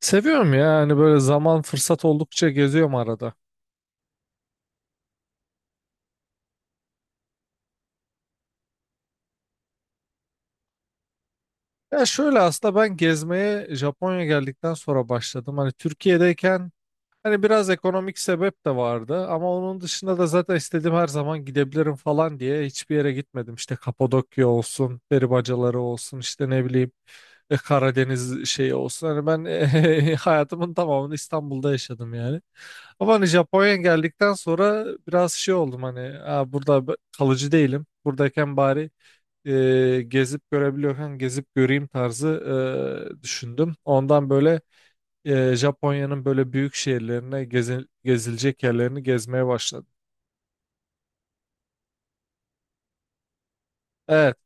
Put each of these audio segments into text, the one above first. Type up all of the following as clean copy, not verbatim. Seviyorum ya hani böyle zaman fırsat oldukça geziyorum arada. Ya şöyle aslında ben gezmeye Japonya geldikten sonra başladım. Hani Türkiye'deyken. Hani biraz ekonomik sebep de vardı ama onun dışında da zaten istediğim her zaman gidebilirim falan diye hiçbir yere gitmedim. İşte Kapadokya olsun, peri olsun, işte ne bileyim, Karadeniz şeyi olsun. Hani ben hayatımın tamamını İstanbul'da yaşadım yani. Ama hani Japonya'ya geldikten sonra biraz şey oldum, hani "Aa, burada kalıcı değilim. Buradayken bari, gezip görebiliyorken gezip göreyim tarzı düşündüm. Ondan böyle, Japonya'nın böyle büyük şehirlerine gezilecek yerlerini gezmeye başladım. Evet,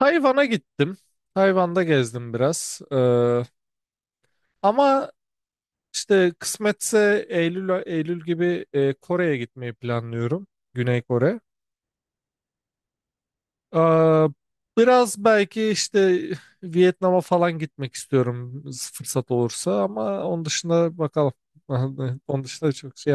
Tayvan'a gittim. Tayvan'da gezdim biraz. Ama işte kısmetse Eylül Eylül gibi, Kore'ye gitmeyi planlıyorum. Güney Kore. Ee, Biraz belki işte Vietnam'a falan gitmek istiyorum, fırsat olursa, ama onun dışında bakalım. Onun dışında çok şey.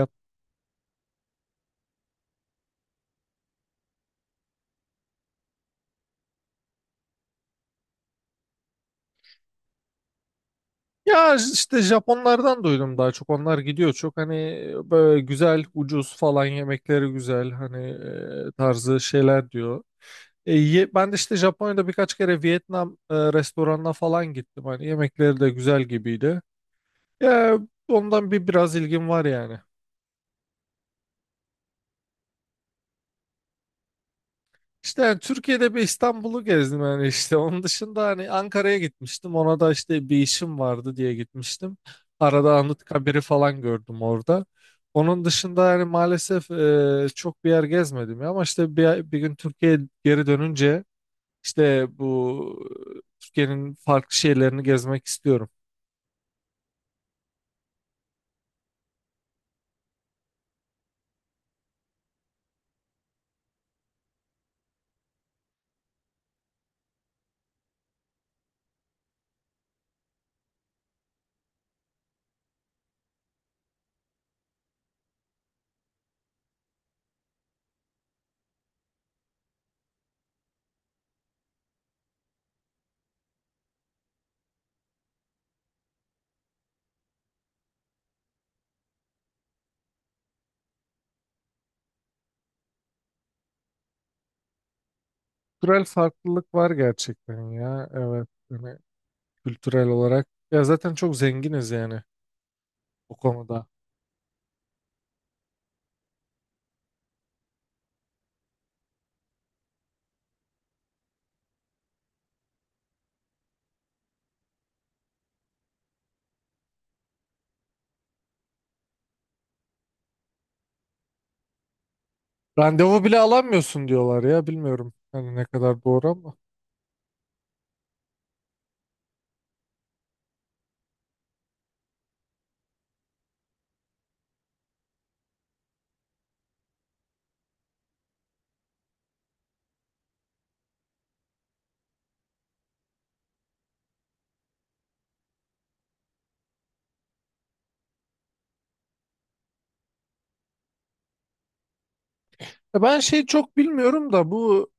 Ya işte Japonlardan duydum daha çok. Onlar gidiyor çok. Hani böyle güzel, ucuz falan, yemekleri güzel. Hani, tarzı şeyler diyor. Ben de işte Japonya'da birkaç kere Vietnam restoranına falan gittim. Hani yemekleri de güzel gibiydi. Ya ondan bir biraz ilgim var yani. İşte yani Türkiye'de bir İstanbul'u gezdim yani, işte onun dışında hani Ankara'ya gitmiştim, ona da işte bir işim vardı diye gitmiştim. Arada Anıtkabir'i falan gördüm orada. Onun dışında yani maalesef çok bir yer gezmedim ya, ama işte bir gün Türkiye'ye geri dönünce işte bu, Türkiye'nin farklı şeylerini gezmek istiyorum. Kültürel farklılık var gerçekten ya, evet, hani kültürel olarak ya zaten çok zenginiz yani o konuda. Randevu bile alamıyorsun diyorlar ya, bilmiyorum hani ne kadar doğru ama. Ya ben şey çok bilmiyorum da, bu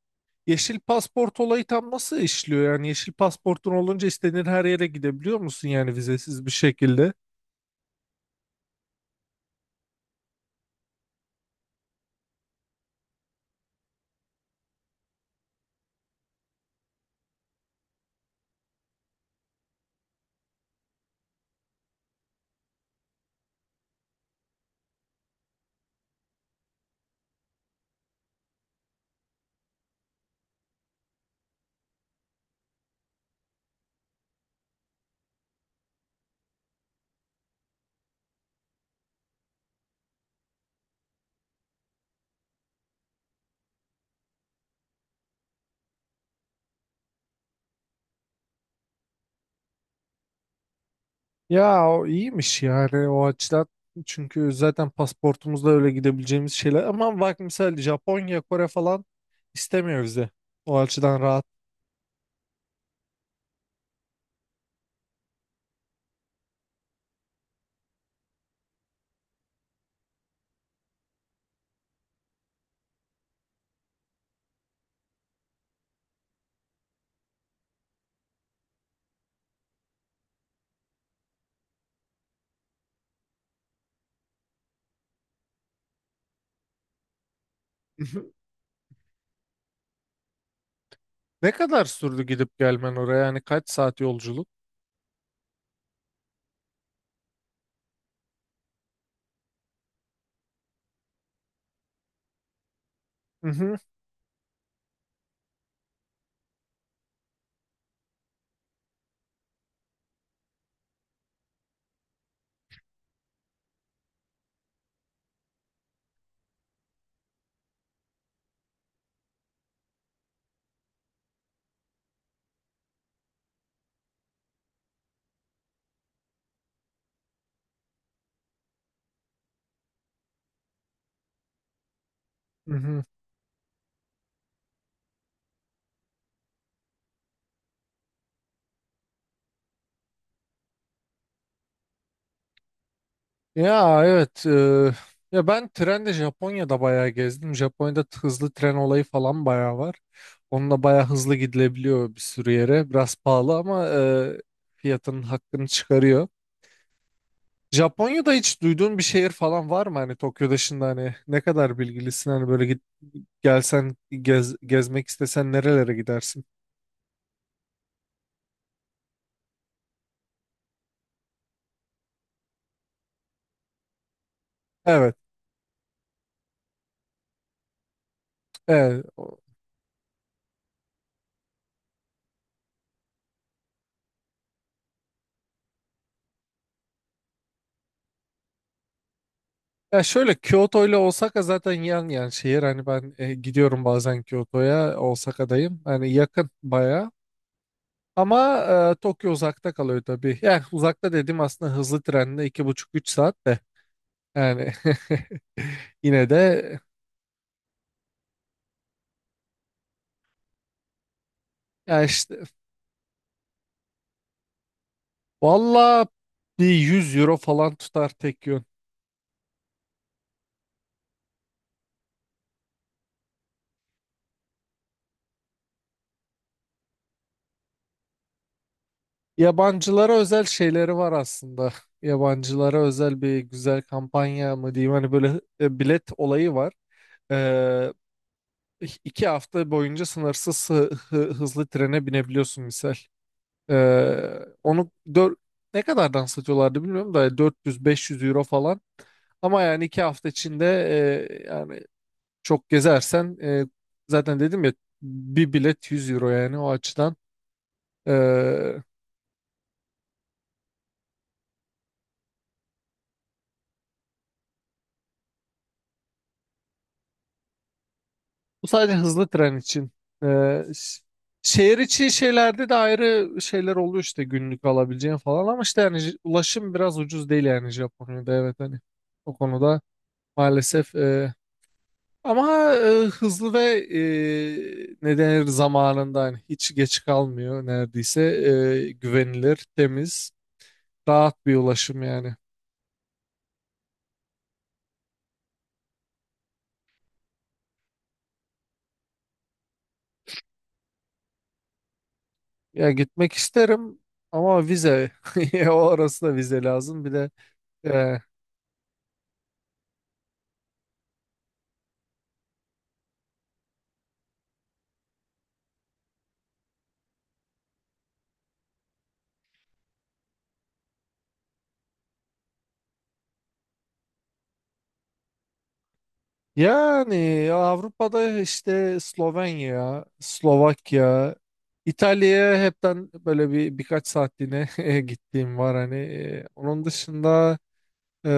yeşil pasaport olayı tam nasıl işliyor? Yani yeşil pasaportun olunca istediğin her yere gidebiliyor musun, yani vizesiz bir şekilde? Ya o iyiymiş yani o açıdan. Çünkü zaten pasaportumuzla öyle gidebileceğimiz şeyler. Ama bak mesela Japonya, Kore falan istemiyor vize. O açıdan rahat. Ne kadar sürdü gidip gelmen oraya? Yani kaç saat yolculuk? Mhm. Mhm. Ya, evet. Ya ben trenle Japonya'da bayağı gezdim. Japonya'da hızlı tren olayı falan bayağı var. Onunla bayağı hızlı gidilebiliyor bir sürü yere. Biraz pahalı ama fiyatının hakkını çıkarıyor. Japonya'da hiç duyduğun bir şehir falan var mı? Hani Tokyo dışında hani ne kadar bilgilisin? Hani böyle git, gelsen gez, gezmek istesen nerelere gidersin? Evet, evet. Ya şöyle, Kyoto ile Osaka zaten yan yan şehir. Hani ben, gidiyorum bazen Kyoto'ya, Osaka'dayım. Hani yakın bayağı. Ama, Tokyo uzakta kalıyor tabii. Yani uzakta dedim, aslında hızlı trenle iki buçuk üç saat de. Yani yine de, ya işte valla bir 100 euro falan tutar tek yön. Yabancılara özel şeyleri var aslında. Yabancılara özel bir güzel kampanya mı diyeyim, hani böyle, bilet olayı var. 2 hafta boyunca sınırsız hızlı trene binebiliyorsun misal. Onu ne kadardan satıyorlardı bilmiyorum da 400-500 euro falan. Ama yani 2 hafta içinde, yani çok gezersen, zaten dedim ya bir bilet 100 euro yani o açıdan. Ee, Bu sadece hızlı tren için. Ee, ş- Şehir içi şeylerde de ayrı şeyler oluyor, işte günlük alabileceğin falan, ama işte yani ulaşım biraz ucuz değil yani Japonya'da, evet, hani o konuda maalesef, ama, hızlı ve, ne denir, zamanında hani hiç geç kalmıyor neredeyse. Güvenilir, temiz, rahat bir ulaşım yani. Ya gitmek isterim ama vize o arasında vize lazım bir de. e, Yani Avrupa'da işte Slovenya, Slovakya, İtalya'ya hepten böyle birkaç saatliğine gittiğim var hani. Onun dışında, e,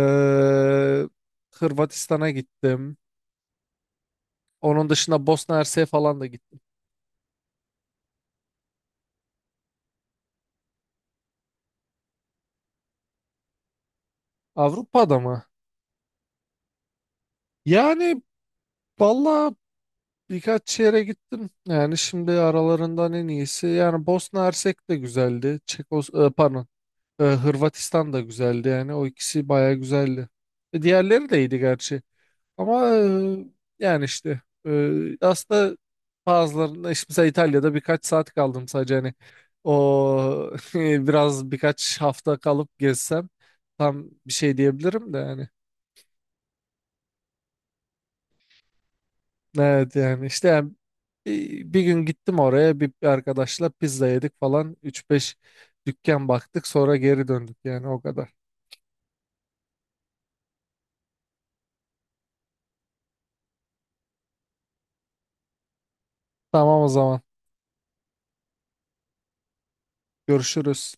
Hırvatistan'a gittim. Onun dışında Bosna Hersek'e falan da gittim. Avrupa'da mı? Yani valla birkaç yere gittim. Yani şimdi aralarından en iyisi. Yani Bosna Hersek de güzeldi. Pardon. Hırvatistan da güzeldi yani. O ikisi baya güzeldi. Diğerleri de iyiydi gerçi. Ama, yani işte, aslında bazılarında işte mesela İtalya'da birkaç saat kaldım sadece, hani o biraz birkaç hafta kalıp gezsem tam bir şey diyebilirim de yani. Evet yani işte yani bir gün gittim oraya bir arkadaşla pizza yedik falan, üç beş dükkan baktık sonra geri döndük yani o kadar. Tamam o zaman görüşürüz.